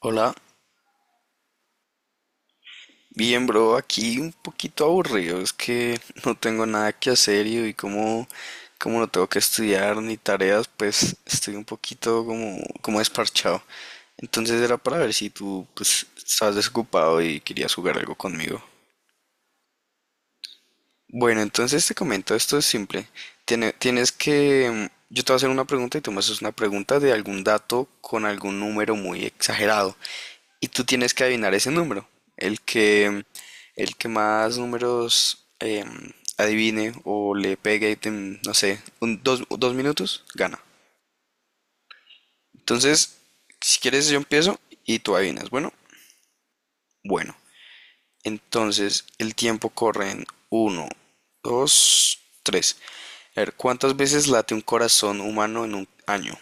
Hola, bien bro, aquí un poquito aburrido, es que no tengo nada que hacer y hoy como no tengo que estudiar ni tareas, pues estoy un poquito como desparchado. Entonces era para ver si tú pues estabas desocupado y querías jugar algo conmigo. Bueno, entonces te comento, esto es simple. Tienes que, yo te voy a hacer una pregunta y tú me haces una pregunta de algún dato con algún número muy exagerado. Y tú tienes que adivinar ese número. El que, el que más números adivine o le pegue, en, no sé, dos minutos, gana. Entonces, si quieres, yo empiezo y tú adivinas. Bueno, bueno. Entonces, el tiempo corre en uno, dos, tres. A ver, ¿cuántas veces late un corazón humano en un año?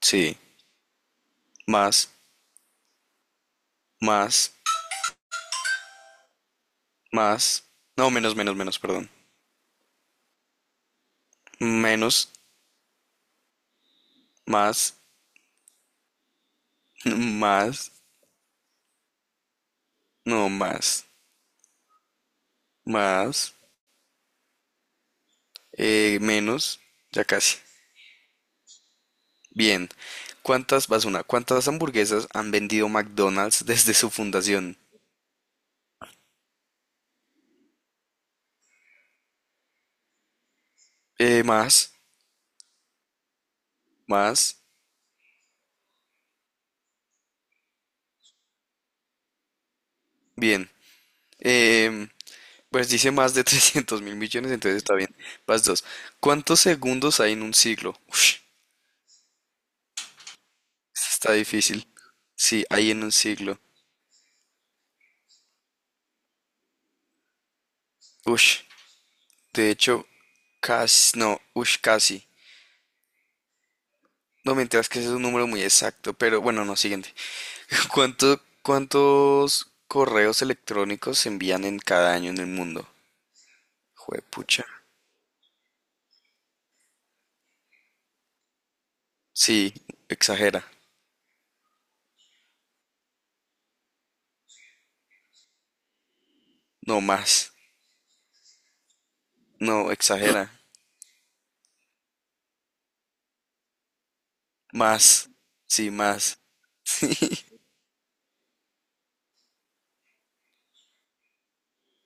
Sí, más, más, más. No, menos, menos, menos, perdón. Menos, más, más, no, más. Más. Menos. Ya casi. Bien. ¿Cuántas, vas una, cuántas hamburguesas han vendido McDonald's desde su fundación? Más. Más. Bien. Em, pues dice más de 300,000 millones, entonces está bien. Vas dos. ¿Cuántos segundos hay en un siglo? Ush, está difícil. Sí, hay en un siglo. Ush, de hecho, casi, no, ush, casi. No, mentiras que ese es un número muy exacto, pero bueno, no, siguiente. ¿ cuántos correos electrónicos se envían en cada año en el mundo? Juepucha. Sí, exagera. No, más. No, exagera. Más. Sí, más.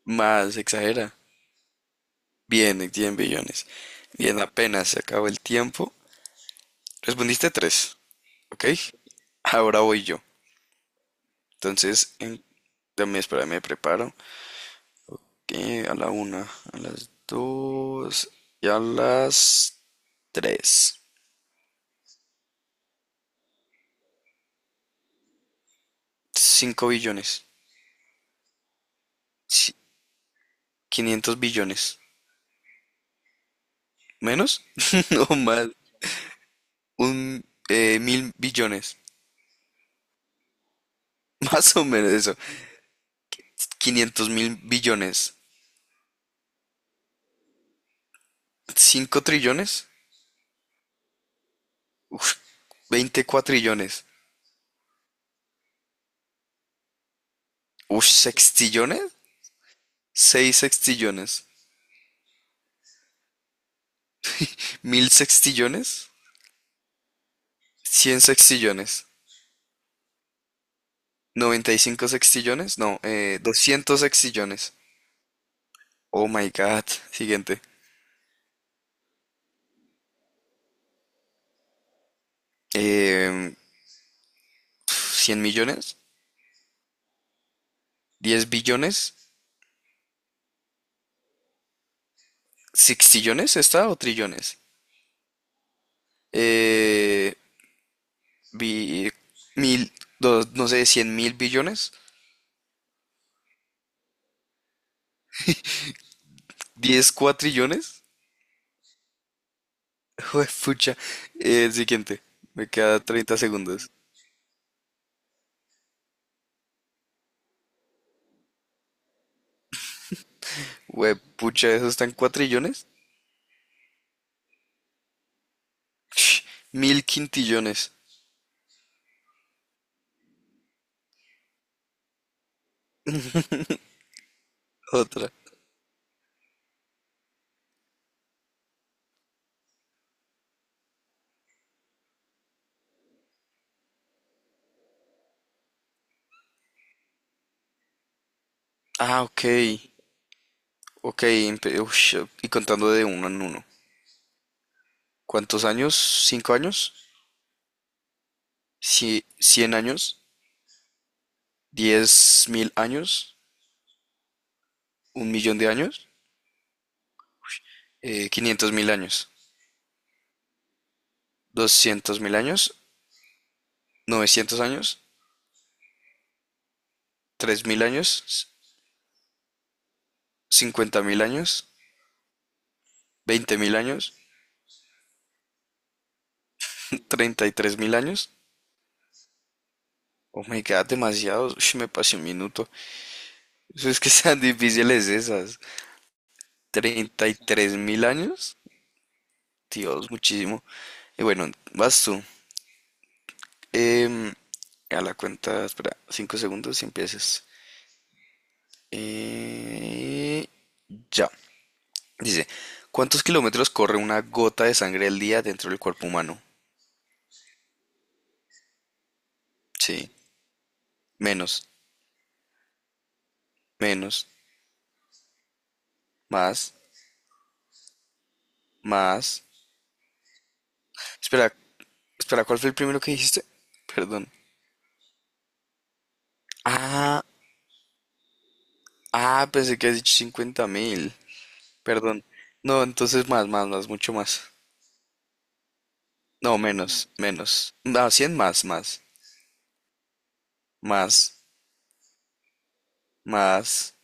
Más, exagera. Bien, 10 billones. Bien, apenas se acabó el tiempo. Respondiste tres, ¿ok? Ahora voy yo. Entonces, en, dame, espera, me preparo. Que a la una, a las dos y a las tres. 5 billones. Sí, 500 billones. ¿Menos? No, más. Un mil billones. Más o menos eso. 500 mil billones. Cinco trillones. Veinte cuatrillones. Ush, sextillones. Seis sextillones. Mil sextillones. Cien sextillones. Noventa y cinco sextillones. No, 200 sextillones. Oh my God. Siguiente. Eh, 100 millones. Diez billones. ¿Sextillones está o trillones? eh, bi- Mil, no sé, cien mil billones, diez cuatrillones. Juepucha. El siguiente, me queda 30 segundos. Juepucha, ¿eso está en cuatrillones? Ch, mil quintillones. Otra. Ah, ok. Ok, ush, y contando de uno en uno. ¿Cuántos años? ¿Cinco años? ¿100 años? ¿10,000 años? ¿Un millón de años? ¿500,000 años? ¿200,000 años? 900 años, 3,000 años, 50,000 años, 20,000 años, 33,000 años. Oh my god, demasiados. Ush, me pasé un minuto. Eso es que sean difíciles esas. 33,000 años. Dios, muchísimo. Y bueno, vas tú. Em, a la cuenta, espera, 5 segundos y empiezas. Eh, ya. Dice, ¿cuántos kilómetros corre una gota de sangre al día dentro del cuerpo humano? Sí, menos, menos, más, más. Espera, espera, ¿cuál fue el primero que dijiste? Perdón. Ah, ah, pensé que has dicho 50,000. Perdón. No, entonces más, más, más, mucho más. No, menos, menos. No, cien más, más, más, más,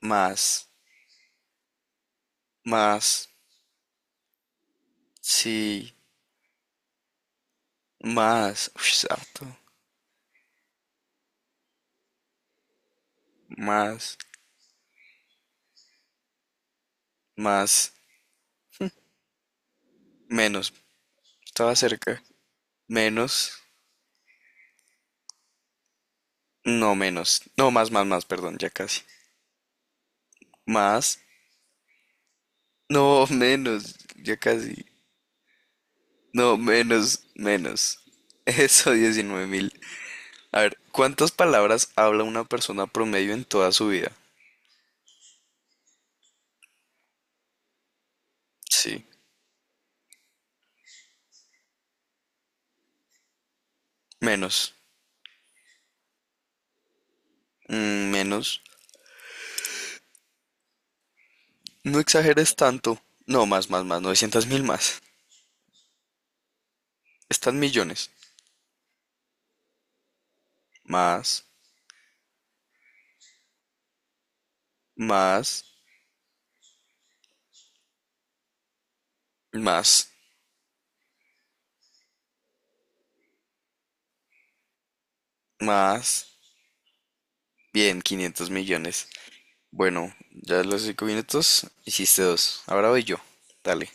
más, más. Sí, más. Uy, es harto. Más, más, menos. Estaba cerca. Menos. No, menos. No, más, más, más, perdón, ya casi. Más. No, menos. Ya casi. No, menos, menos. Eso, 19,000. A ver, ¿cuántas palabras habla una persona promedio en toda su vida? Sí, menos, mm, menos. No exageres tanto. No, más, más, más, 900 mil más. Están millones. Más, más, más, más. Bien, 500 millones. Bueno, ya los 5 minutos hiciste dos. Ahora voy yo. Dale.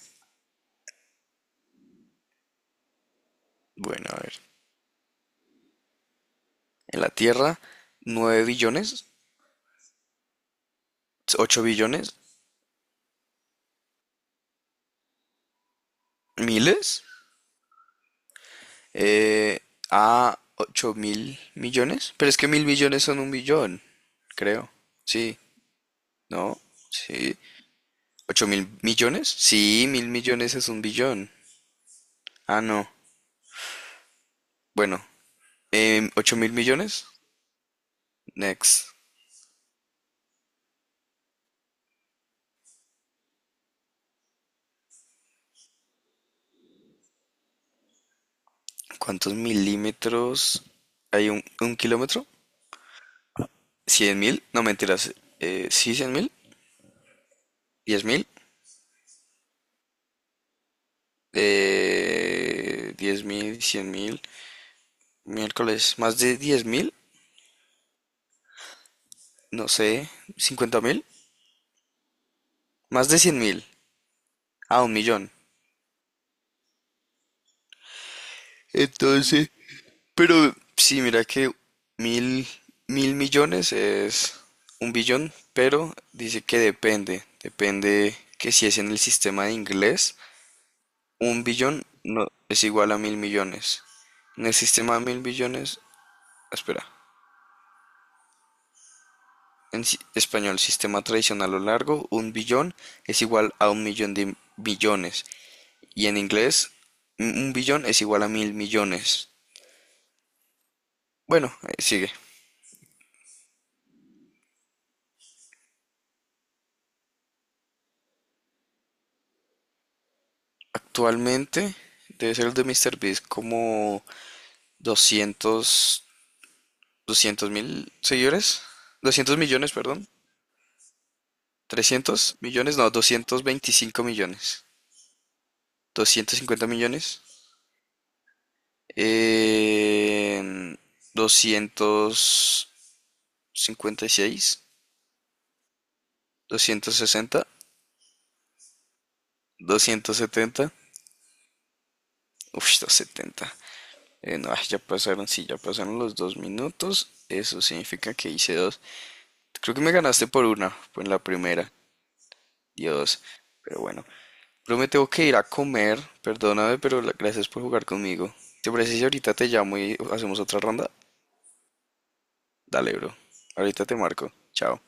Bueno, a ver. En la Tierra, 9 billones, 8 billones, miles. eh, a 8,000 millones. Pero es que mil millones son un billón, creo. Sí, ¿no? Sí. ¿8,000 millones? Sí, mil millones es un billón. Ah, no. Bueno, 8 mil millones. Next. ¿Cuántos milímetros hay un kilómetro? ¿Cien mil? No, mentiras. ¿Sí, 100,000? ¿10,000? 10 mil, 100,000. Miércoles, más de 10,000. No sé, 50,000. Más de 100,000. Ah, un millón. Entonces, pero sí, mira que mil, mil millones es un billón, pero dice que depende. Depende que si es en el sistema de inglés, un billón no es igual a mil millones. En el sistema de mil billones, espera, en español, sistema tradicional o largo, un billón es igual a un millón de millones. Y en inglés, un billón es igual a mil millones. Bueno, sigue. Actualmente debe ser el de MrBeast como 200 200 mil seguidores. 200 millones, perdón. 300 millones, no, 225 millones. 250 millones. Eh, 256, 260, 270. Uf, 270. No, ya pasaron, sí, ya pasaron los 2 minutos. Eso significa que hice dos. Creo que me ganaste por una, pues en la primera. Dios. Pero bueno, pero me tengo que ir a comer, perdóname, pero gracias por jugar conmigo. Si ¿Te parece si ahorita te llamo y hacemos otra ronda? Dale, bro. Ahorita te marco. Chao.